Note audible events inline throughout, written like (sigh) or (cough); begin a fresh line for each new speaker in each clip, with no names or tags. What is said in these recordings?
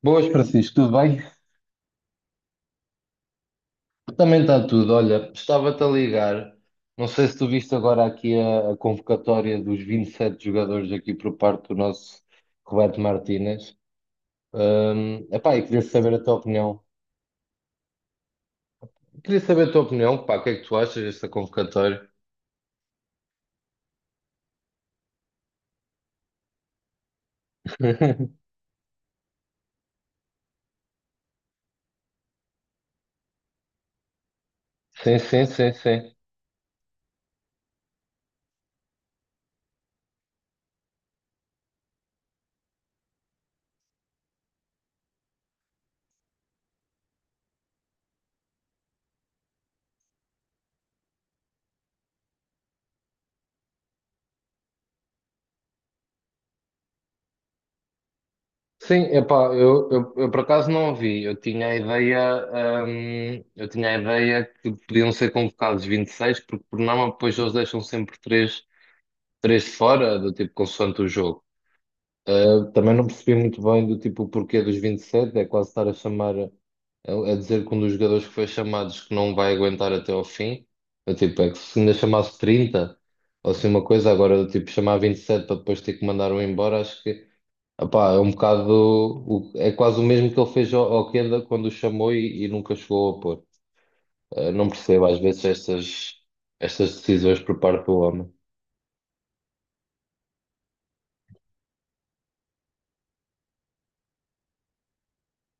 Boas, Francisco, tudo bem? Também está tudo. Olha, estava-te a ligar. Não sei se tu viste agora aqui a convocatória dos 27 jogadores aqui por parte do nosso Roberto Martínez. Epá, e queria saber a tua opinião. Queria saber a tua opinião, pá, o que é que tu achas desta convocatória? (laughs) Sim, sim, sim, sim. Sim, epá, eu por acaso não ouvi. Eu tinha a ideia, eu tinha a ideia que podiam ser convocados 26, porque por norma depois eles deixam sempre três fora, do tipo consoante o jogo. Também não percebi muito bem do tipo o porquê dos 27, é quase estar a chamar, a dizer que um dos jogadores que foi chamado diz que não vai aguentar até ao fim. Eu, tipo, é que se ainda chamasse 30 ou assim uma coisa, agora do tipo chamar 27 para depois ter que mandar um embora, acho que opá, é um bocado, é quase o mesmo que ele fez ao Kenda quando o chamou e nunca chegou a pôr. Não percebo às vezes estas decisões por parte do homem.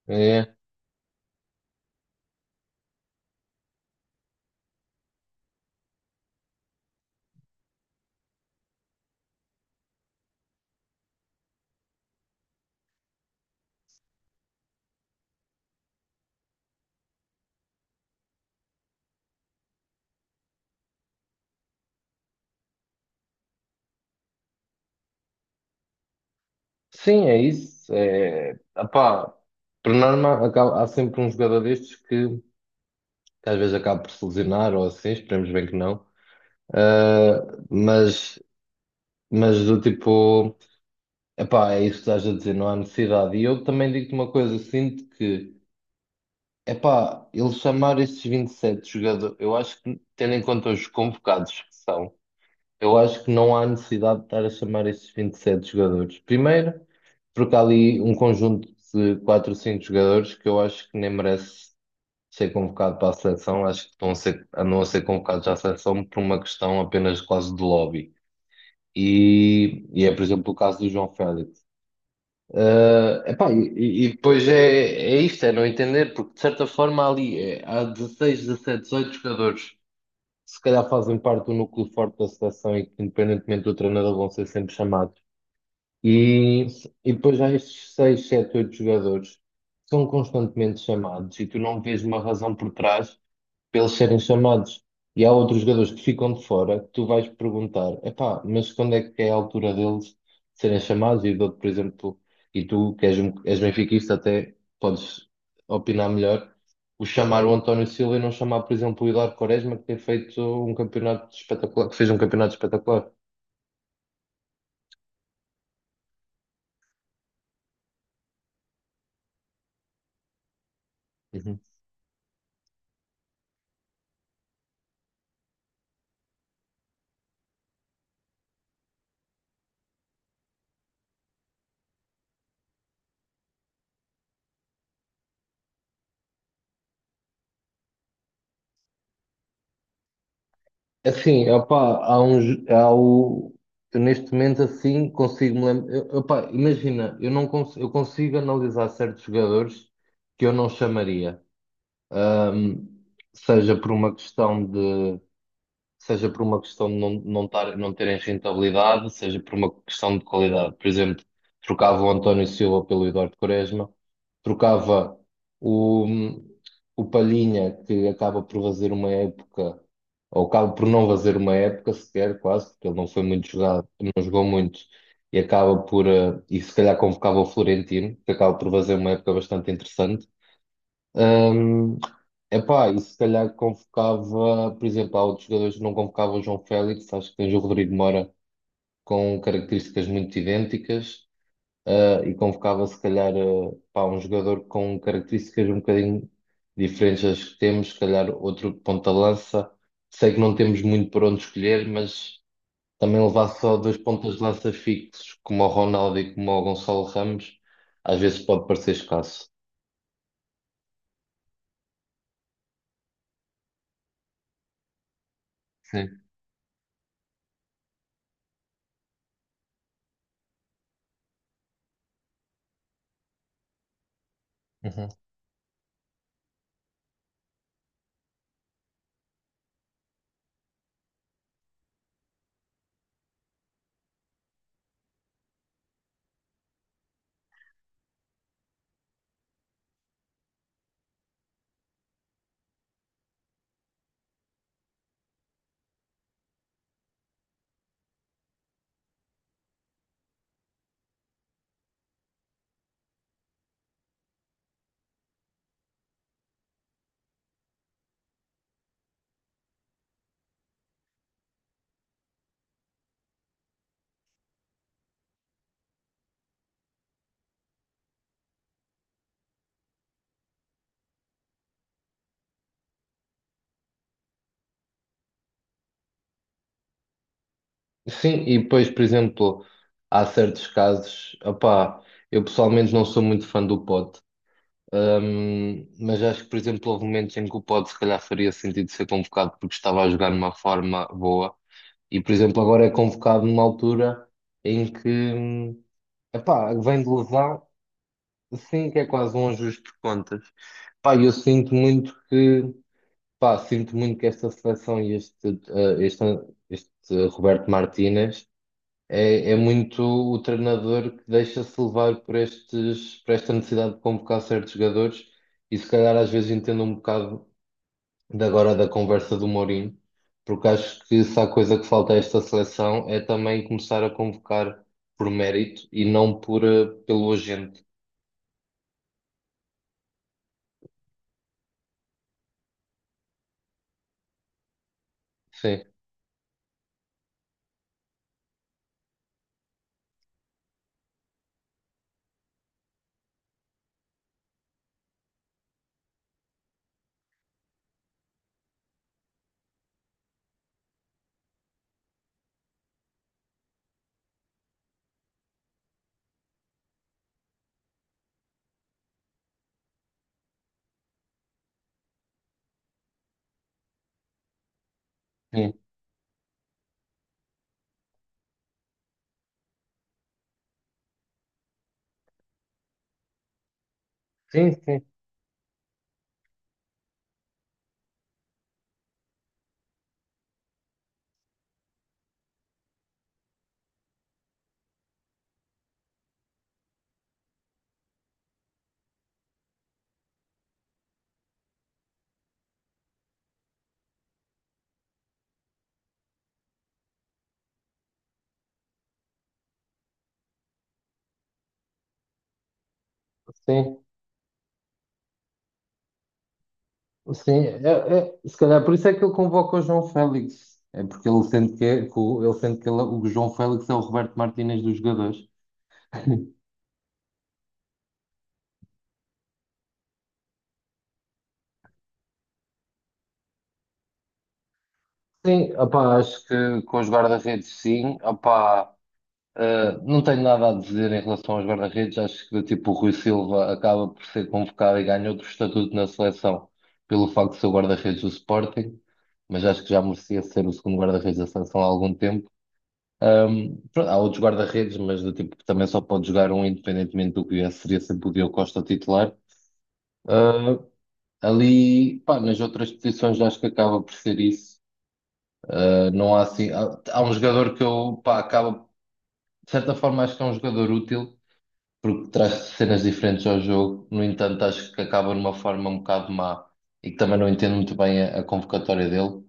É. Sim, é isso. É, epá, por norma, há sempre um jogador destes que às vezes acaba por se lesionar ou assim, esperemos bem que não. Ah, mas, mas do tipo, epá, é isso que estás a dizer, não há necessidade. E eu também digo-te uma coisa, sinto que, epá, eles chamar esses 27 jogadores, eu acho que, tendo em conta os convocados que são. Eu acho que não há necessidade de estar a chamar esses 27 jogadores. Primeiro, porque há ali um conjunto de 4 ou 5 jogadores que eu acho que nem merece ser convocado para a seleção. Acho que estão a ser, andam a ser convocados à seleção por uma questão apenas quase de lobby. E é, por exemplo, o caso do João Félix. Ah, epá, e depois é isto, é não entender, porque de certa forma há ali há 16 17, 18 jogadores se calhar fazem parte do núcleo forte da seleção e que, independentemente do treinador, vão ser sempre chamados. E, e depois há estes seis, sete, oito jogadores que são constantemente chamados e tu não vês uma razão por trás pelos serem chamados. E há outros jogadores que ficam de fora que tu vais perguntar, epá, mas quando é que é a altura deles serem chamados? E dou-te, por exemplo, e tu que és, és benfiquista até podes opinar melhor, o chamar o Uhum. António Silva e não chamar, por exemplo, o Hilário Quaresma, que tem feito um campeonato espetacular, que fez um campeonato espetacular. Assim, opá, há uns, há o, eu neste momento assim consigo me lembrar. Opá, imagina, eu não cons- eu consigo analisar certos jogadores que eu não chamaria, Ahm, seja por uma questão de seja por uma questão de não terem rentabilidade, seja por uma questão de qualidade. Por exemplo, trocava o António Silva pelo Eduardo Quaresma, trocava o, o Palhinha, que acaba por fazer uma época, ou acaba por não fazer uma época sequer, quase, porque ele não foi muito jogado, não jogou muito, e acaba por, e se calhar convocava o Florentino, que acaba por fazer uma época bastante interessante. Epá, e se calhar convocava, por exemplo, há outros jogadores que não convocava o João Félix, acho que tens o Rodrigo Moura com características muito idênticas, e convocava se calhar pá, um jogador com características um bocadinho diferentes das que temos, se calhar outro ponta-lança. Sei que não temos muito por onde escolher, mas também levar só dois pontas-lança fixos, como o Ronaldo e como o Gonçalo Ramos, às vezes pode parecer escasso. Sim. Sim, e depois, por exemplo, há certos casos, opá, eu pessoalmente não sou muito fã do pod, mas acho que, por exemplo, houve momentos em que o pod se calhar faria sentido ser convocado porque estava a jogar numa forma boa e, por exemplo, agora é convocado numa altura em que, epá, vem de lesão, sim, que é quase um ajuste de contas. Pá, eu sinto muito que, pá, sinto muito que esta seleção e este Roberto Martínez é muito o treinador que deixa-se levar por estes, por esta necessidade de convocar certos jogadores e se calhar às vezes entendo um bocado de agora da conversa do Mourinho, porque acho que se há coisa que falta a esta seleção é também começar a convocar por mérito e não por, pelo agente. Sim, sim, sim, sim, sim. Sim. Se calhar por isso é que ele convoca o João Félix, é porque ele sente que, ele sente o João Félix é o Roberto Martínez dos jogadores. Sim, opá, acho que com os guarda-redes sim. Opá, não tenho nada a dizer em relação aos guarda-redes. Acho que tipo, o Rui Silva acaba por ser convocado e ganha outro estatuto na seleção pelo facto de ser o guarda-redes do Sporting, mas acho que já merecia ser o segundo guarda-redes da seleção há algum tempo. Pronto, há outros guarda-redes, mas do tipo que também só pode jogar um independentemente do que viesse, seria sempre o Diogo Costa titular. Ah, ali, pá, nas outras posições acho que acaba por ser isso. Não há assim. Há um jogador que eu, pá, acaba. De certa forma, acho que é um jogador útil, porque traz cenas diferentes ao jogo. No entanto, acho que acaba numa forma um bocado má e que também não entendo muito bem a convocatória dele.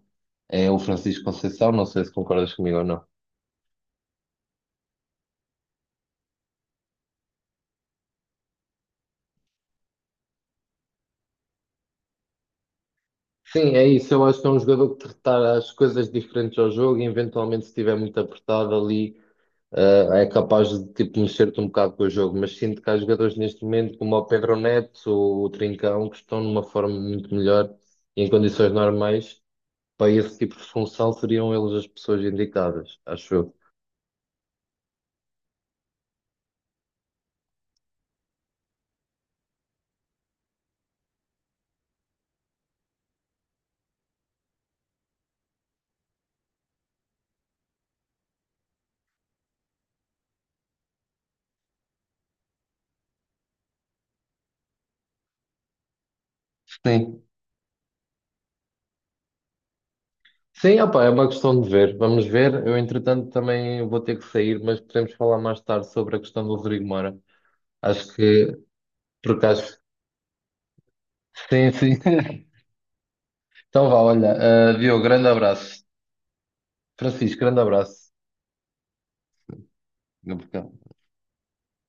É o Francisco Conceição, não sei se concordas comigo ou não. Sim, é isso. Eu acho que é um jogador que traz as coisas diferentes ao jogo e, eventualmente, se estiver muito apertado ali. É capaz de tipo, mexer-te um bocado com o jogo, mas sinto que há jogadores neste momento, como o Pedro Neto ou o Trincão, que estão numa forma muito melhor e em condições normais, para esse tipo de função seriam eles as pessoas indicadas, acho eu. Sim. Sim, opá, é uma questão de ver. Vamos ver. Eu, entretanto, também vou ter que sair, mas podemos falar mais tarde sobre a questão do Rodrigo Moura. Acho que, por acaso. Sim, sim. (laughs) Então vá, olha. Diogo, grande abraço. Francisco, grande abraço.